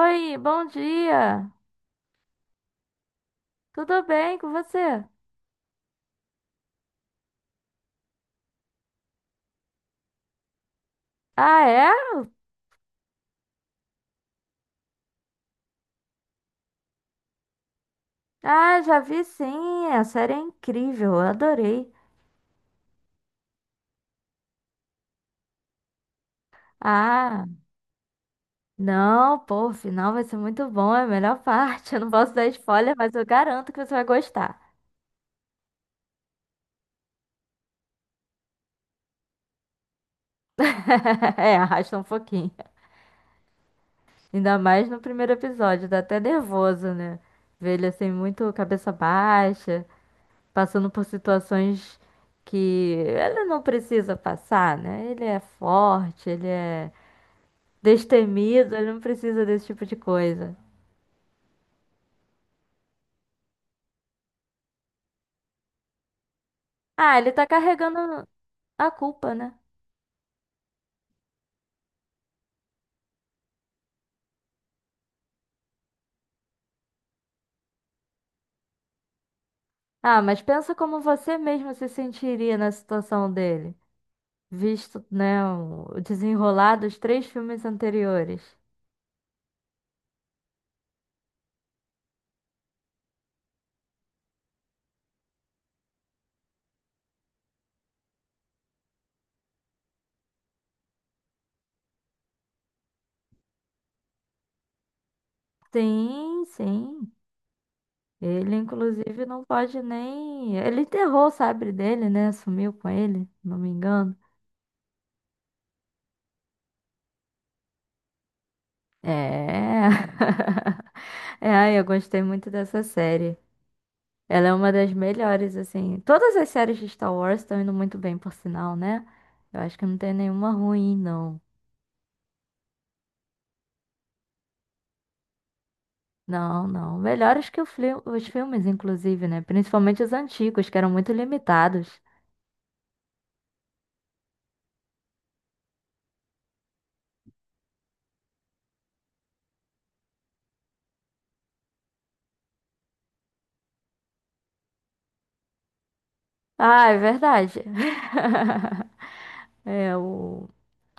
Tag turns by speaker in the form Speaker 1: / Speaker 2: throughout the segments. Speaker 1: Oi, bom dia. Tudo bem com você? Ah, é? Ah, já vi sim. A série é incrível, eu adorei. Ah, não, pô, o final vai ser muito bom, é a melhor parte. Eu não posso dar spoiler, mas eu garanto que você vai gostar. É, arrasta um pouquinho. Ainda mais no primeiro episódio, dá até nervoso, né? Ver ele assim, muito cabeça baixa, passando por situações que ele não precisa passar, né? Ele é forte, ele é. Destemido, ele não precisa desse tipo de coisa. Ah, ele tá carregando a culpa, né? Ah, mas pensa como você mesmo se sentiria na situação dele, visto, né, o desenrolar dos três filmes anteriores. Sim, sim. Ele, inclusive, não pode nem. Ele enterrou o sabre dele, né? Sumiu com ele, não me engano. É. É, ai, eu gostei muito dessa série. Ela é uma das melhores, assim. Todas as séries de Star Wars estão indo muito bem, por sinal, né? Eu acho que não tem nenhuma ruim, não. Não, não. Melhores que o os filmes, inclusive, né? Principalmente os antigos, que eram muito limitados. Ah, é verdade. É, o...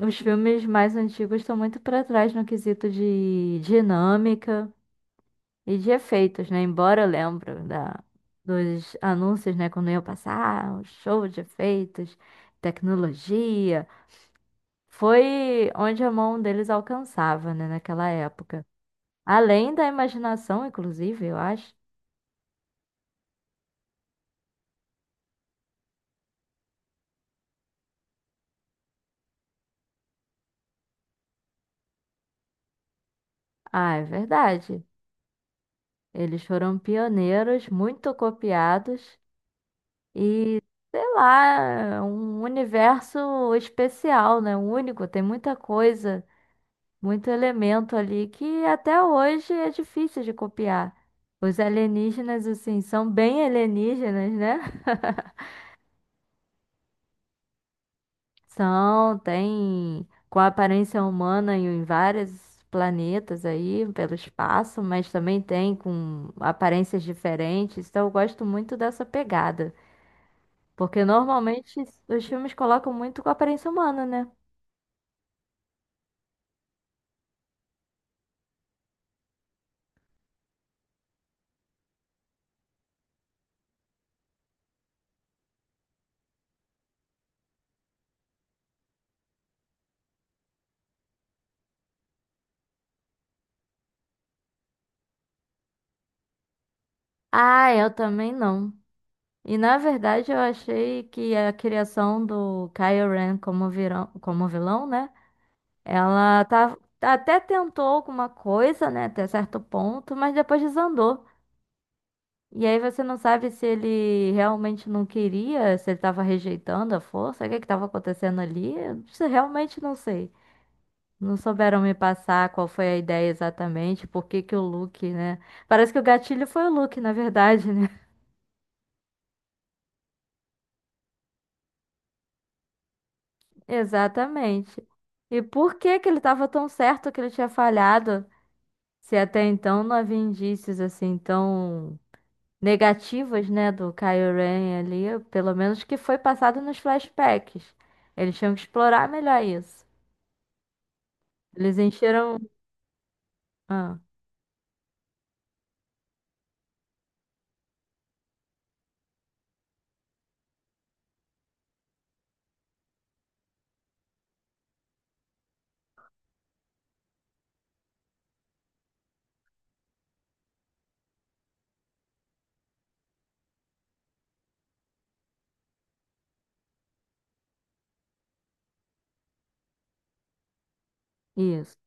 Speaker 1: Os filmes mais antigos estão muito para trás no quesito de dinâmica. E de efeitos, né? Embora eu lembro da, dos anúncios, né? Quando ia passar, o show de efeitos, tecnologia. Foi onde a mão deles alcançava, né? Naquela época. Além da imaginação, inclusive, eu acho. Ah, é verdade. Eles foram pioneiros, muito copiados e, sei lá, um universo especial, né? Único, tem muita coisa muito elemento ali que até hoje é difícil de copiar. Os alienígenas, assim, são bem alienígenas, né? São, tem com aparência humana em vários planetas aí, pelo espaço, mas também tem com aparências diferentes. Então eu gosto muito dessa pegada. Porque normalmente os filmes colocam muito com aparência humana, né? Ah, eu também não. E na verdade eu achei que a criação do Kylo Ren como vilão, né? Ela tá, até tentou alguma coisa, né, até certo ponto, mas depois desandou. E aí você não sabe se ele realmente não queria, se ele tava rejeitando a força, o que é que tava acontecendo ali? Isso eu realmente não sei. Não souberam me passar qual foi a ideia exatamente, por que que o Luke, né? Parece que o gatilho foi o Luke, na verdade, né? Exatamente. E por que que ele estava tão certo que ele tinha falhado, se até então não havia indícios assim tão negativos, né, do Kylo Ren ali, pelo menos que foi passado nos flashbacks. Eles tinham que explorar melhor isso. Eles encheram, ah, isso.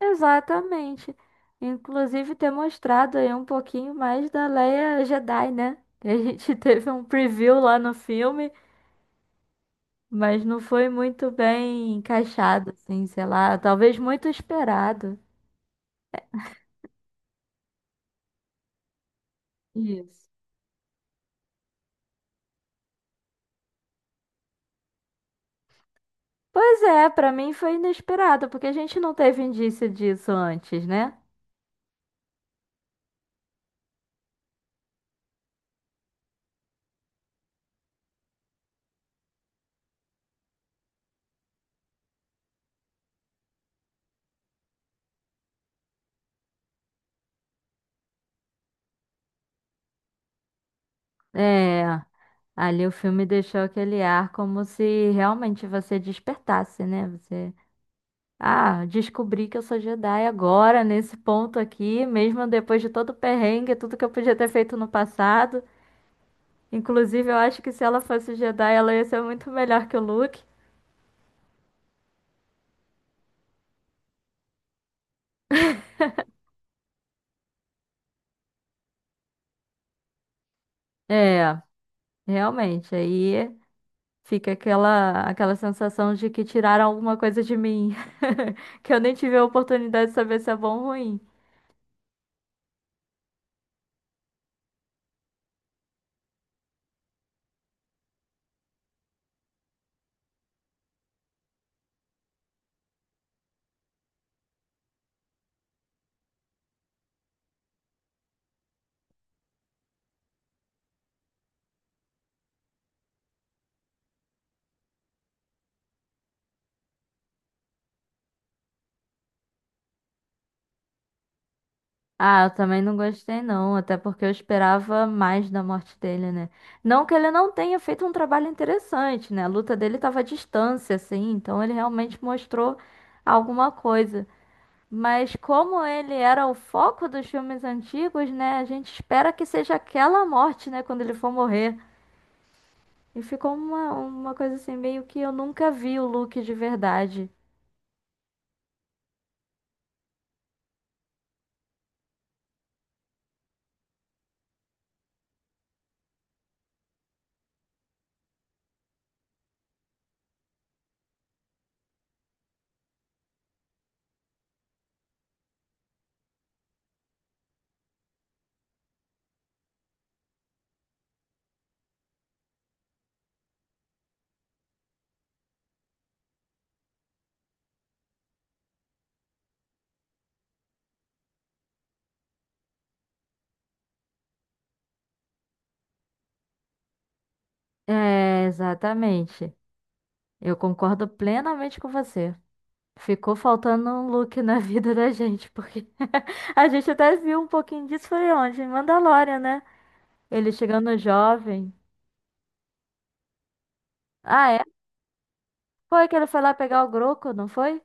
Speaker 1: Exatamente. Inclusive ter mostrado aí um pouquinho mais da Leia Jedi, né? Que a gente teve um preview lá no filme. Mas não foi muito bem encaixado, assim, sei lá, talvez muito esperado. Isso. Pois é, pra mim foi inesperado, porque a gente não teve indício disso antes, né? É, ali o filme deixou aquele ar como se realmente você despertasse, né? Você, ah, descobri que eu sou Jedi agora, nesse ponto aqui, mesmo depois de todo o perrengue, tudo que eu podia ter feito no passado. Inclusive, eu acho que se ela fosse Jedi, ela ia ser muito melhor que o Luke. É. Realmente, aí fica aquela sensação de que tiraram alguma coisa de mim, que eu nem tive a oportunidade de saber se é bom ou ruim. Ah, eu também não gostei não, até porque eu esperava mais da morte dele, né? Não que ele não tenha feito um trabalho interessante, né? A luta dele estava à distância, assim, então ele realmente mostrou alguma coisa. Mas como ele era o foco dos filmes antigos, né? A gente espera que seja aquela morte, né? Quando ele for morrer. E ficou uma coisa assim, meio que eu nunca vi o Luke de verdade. É, exatamente. Eu concordo plenamente com você. Ficou faltando um Luke na vida da gente, porque a gente até viu um pouquinho disso foi onde? Em Mandalorian, né? Ele chegando jovem. Ah, é? Foi que ele foi lá pegar o Groco, não foi?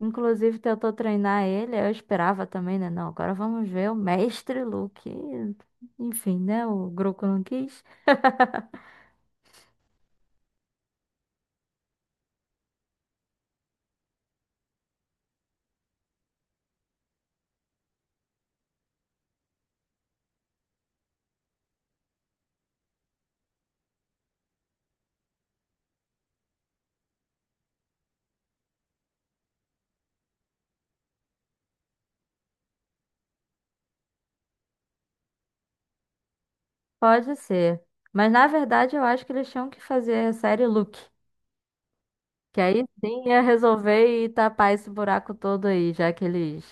Speaker 1: Inclusive tentou treinar ele, eu esperava também, né? Não, agora vamos ver o mestre Luke. Enfim, né? O Groco não quis. Pode ser. Mas na verdade eu acho que eles tinham que fazer a série Look. Que aí sim ia resolver e tapar esse buraco todo aí, já que eles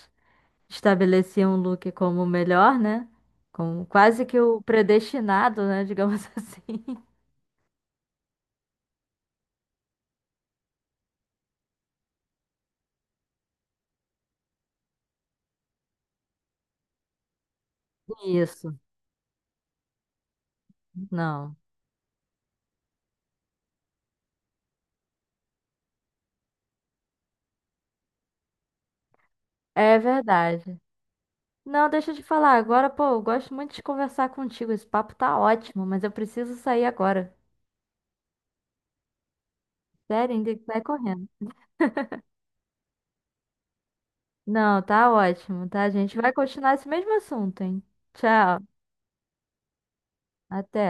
Speaker 1: estabeleciam o Look como o melhor, né? Como quase que o predestinado, né? Digamos assim. Isso, não. É verdade. Não, deixa eu te falar agora, pô, eu gosto muito de conversar contigo. Esse papo tá ótimo, mas eu preciso sair agora. Sério, ainda vai correndo. Não, tá ótimo, tá? A gente vai continuar esse mesmo assunto, hein? Tchau. Até.